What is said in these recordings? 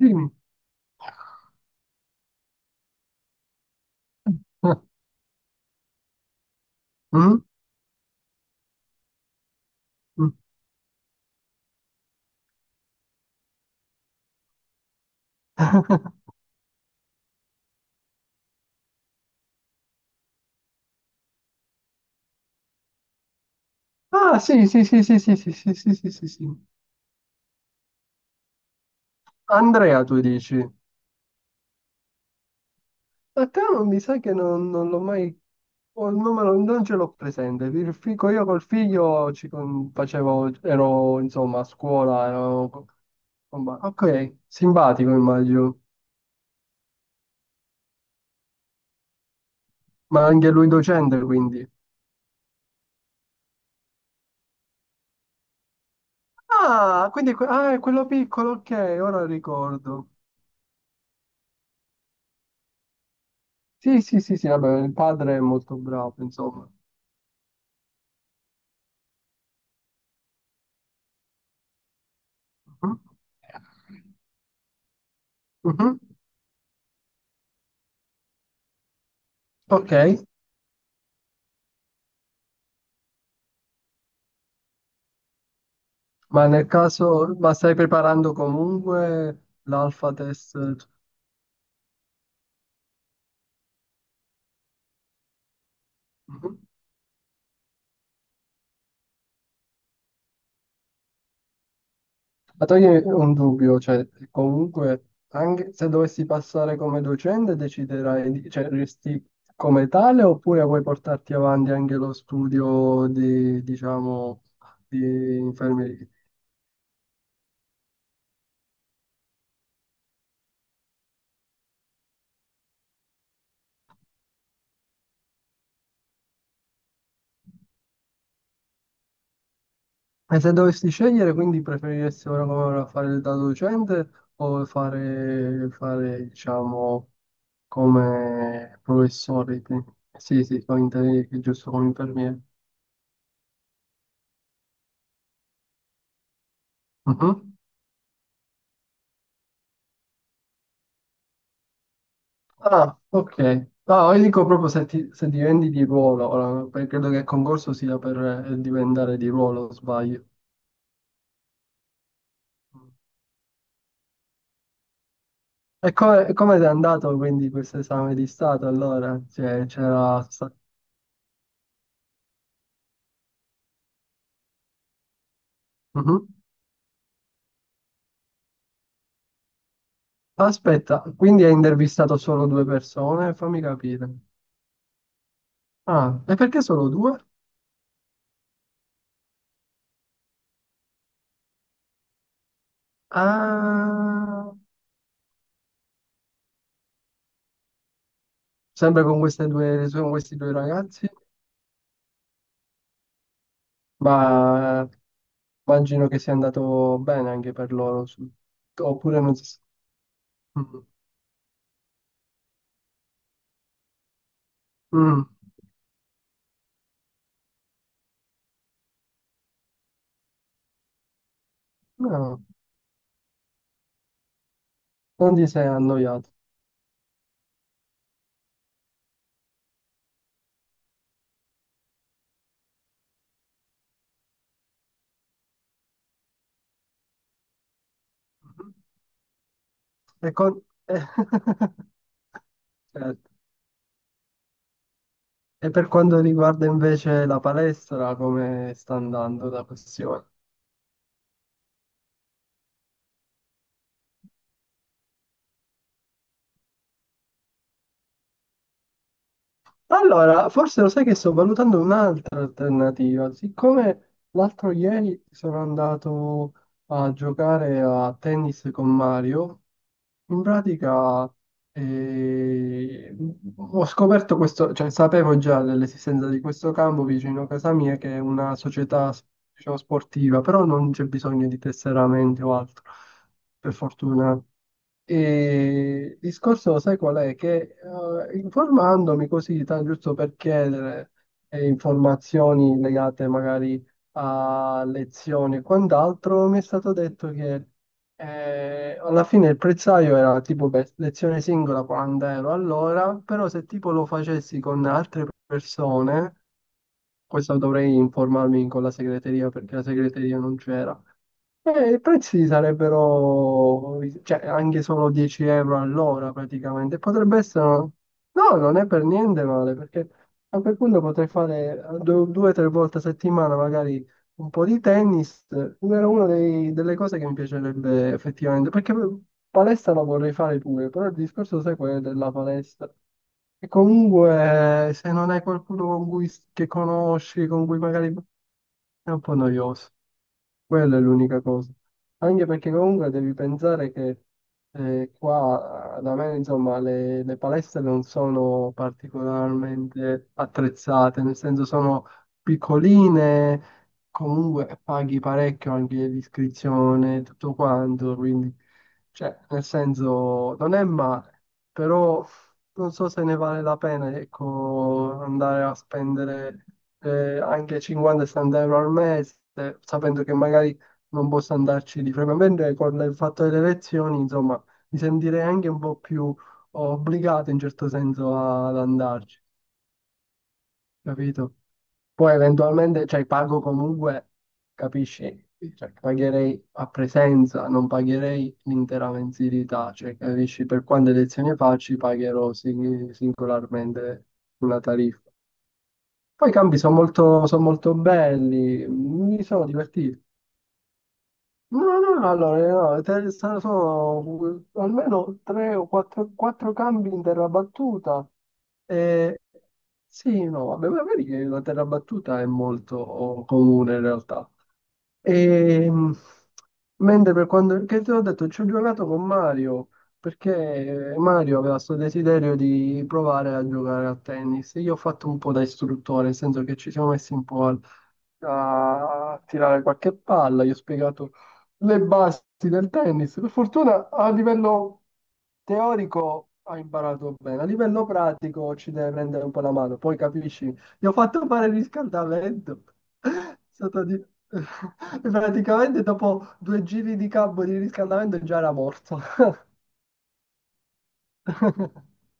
Dimmi. Mm? Mm. Ah, sì, sì, sì, sì, sì, sì, sì, sì, sì, sì, sì. Andrea, tu dici. A te non mi sa che non l'ho mai... o il numero non ce l'ho presente. Io col figlio facevo... ero, insomma, a scuola, ero... Ok, simpatico immagino. Ma anche lui docente, quindi. Ah, quindi ah, è quello piccolo, ok, ora ricordo. Sì, sì, sì, sì, vabbè, il padre è molto bravo, insomma. Mhm. Mhm. Ok, ma nel caso, ma stai preparando comunque l'alpha test? Mhm. Ma toglimi un dubbio, cioè comunque anche se dovessi passare come docente deciderai, cioè resti come tale oppure vuoi portarti avanti anche lo studio di, diciamo, di infermieria? E se dovessi scegliere, quindi preferiresti ora come ora fare da docente o fare diciamo come professore. Sì, sì, giusto come infermiere. Mhm. Ah, ok. No, io dico proprio se, se diventi di ruolo, ora, perché credo che il concorso sia per diventare di ruolo, sbaglio. E come è andato quindi questo esame di Stato allora? Cioè, c'era... Mhm. Aspetta, quindi hai intervistato solo due persone? Fammi capire. Ah, e perché solo due? Ah, sempre con queste due, con questi due ragazzi? Ma immagino che sia andato bene anche per loro, oppure non si... Mm. Mm. No, non ti sei annoiato. E, con- Certo. E per quanto riguarda invece la palestra, come sta andando la questione? Allora, forse lo sai che sto valutando un'altra alternativa. Siccome l'altro ieri sono andato a giocare a tennis con Mario, in pratica eh, ho scoperto questo, cioè sapevo già dell'esistenza di questo campo vicino a casa mia, che è una società, diciamo, sportiva, però non c'è bisogno di tesseramenti o altro, per fortuna. E il discorso, sai qual è? Che informandomi così, giusto per chiedere informazioni legate magari a lezioni e quant'altro, mi è stato detto che alla fine il prezzaio era tipo per lezione singola 40 euro all'ora, però se tipo lo facessi con altre persone, questo dovrei informarmi con la segreteria perché la segreteria non c'era. I prezzi sarebbero, cioè, anche solo 10 euro all'ora praticamente. Potrebbe essere, no, non è per niente male, perché a quel punto potrei fare due o tre volte a settimana magari un po' di tennis. Era una delle cose che mi piacerebbe effettivamente, perché palestra la vorrei fare pure, però il discorso, sai, quello della palestra. E comunque, se non hai qualcuno con cui, che conosci, con cui magari è un po' noioso. Quella è l'unica cosa. Anche perché comunque devi pensare che qua da me, insomma, le palestre non sono particolarmente attrezzate, nel senso sono piccoline, comunque paghi parecchio anche l'iscrizione, tutto quanto, quindi, cioè, nel senso, non è male, però non so se ne vale la pena, ecco, andare a spendere anche 50-60 euro al mese, sapendo che magari non posso andarci di frequente, con il fatto delle lezioni, insomma, mi sentirei anche un po' più obbligato in certo senso ad andarci, capito? Poi eventualmente, cioè, pago comunque, capisci? Cioè, pagherei a presenza, non pagherei l'intera mensilità, cioè, capisci? Per quante lezioni faccio, pagherò singolarmente una tariffa. Poi i campi sono molto belli, mi sono divertito. No, no, no, allora, no, sono almeno tre o quattro, quattro cambi in terra battuta. Eh, sì, no, vabbè, ma vedi che la terra battuta è molto comune in realtà. Ehm, Mentre per quanto, che te l'ho detto, ci ho giocato con Mario, perché Mario aveva questo desiderio di provare a giocare a tennis. Io ho fatto un po' da istruttore, nel senso che ci siamo messi un po' a tirare qualche palla, gli ho spiegato le basi del tennis. Per fortuna a livello teorico ha imparato bene, a livello pratico ci deve prendere un po' la mano, poi capisci, gli ho fatto fare il riscaldamento. È stato di- e praticamente dopo due giri di campo di riscaldamento già era morto.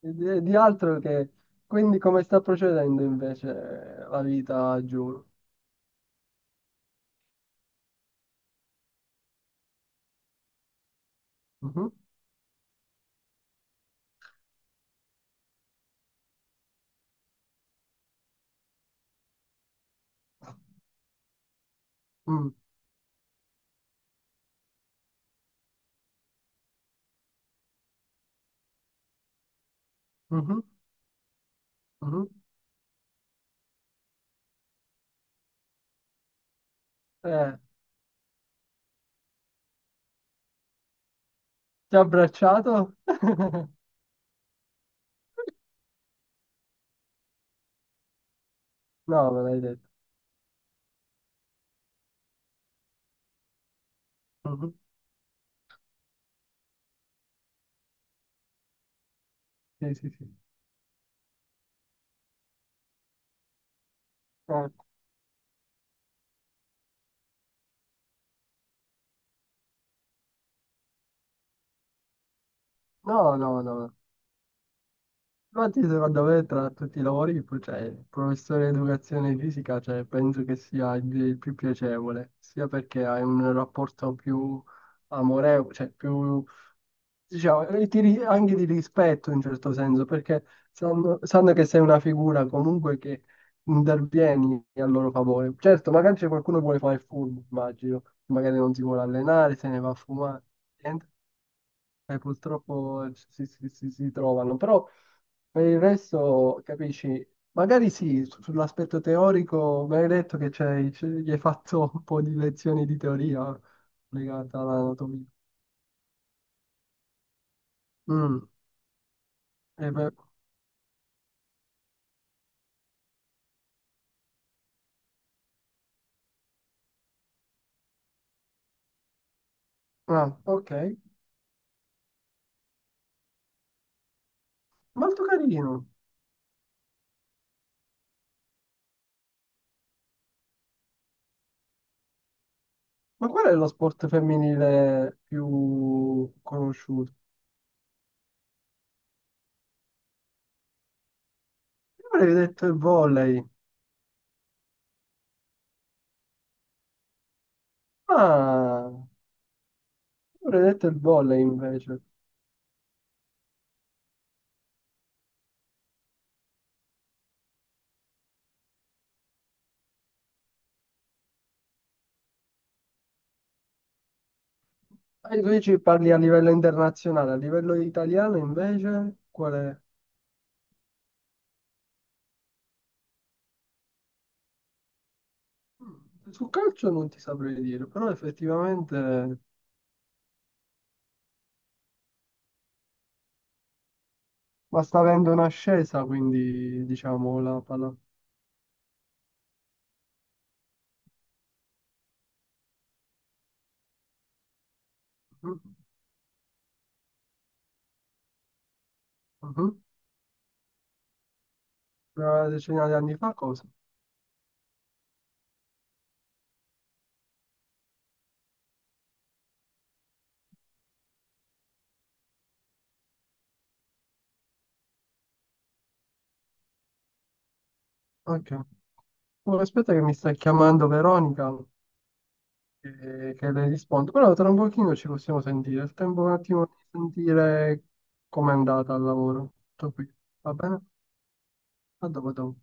E di altro che... Quindi come sta procedendo invece la vita a Giulio? Mhm. Mm. Mhm. Mhm. Eh, Ti ha abbracciato? No, me l'hai detto. Mhm. Sì, sì, sì. Eh, no, no, no. Infatti, secondo me, tra tutti i lavori, cioè, il professore di educazione fisica, cioè, penso che sia il più piacevole, sia perché hai un rapporto più amorevole, cioè più, diciamo, anche di rispetto in certo senso, perché sanno che sei una figura comunque che intervieni a loro favore. Certo, magari c'è qualcuno che vuole fare il furbo, immagino, magari non si vuole allenare, se ne va a fumare, niente, e purtroppo si trovano, però... Per il resto, capisci? Magari sì, sull'aspetto teorico, mi hai detto che gli hai fatto un po' di lezioni di teoria legata all'anatomia. Mm, e beh, ah, ok, molto carino. Ma qual è lo sport femminile più conosciuto? Io avrei detto il volley. Ah, io avrei detto il volley invece. Ah, tu dici parli a livello internazionale, a livello italiano invece, qual è? Mm, sul calcio non ti saprei dire, però effettivamente ma sta avendo un'ascesa, quindi diciamo la palla. Mm, mhm. Una decina di anni fa cosa? Ok. Oh, aspetta che mi sta chiamando Veronica che le rispondo, però tra un pochino ci possiamo sentire, il tempo un attimo di sentire com'è andata al lavoro. Tutto qui. Va bene? A dopo, a dopo.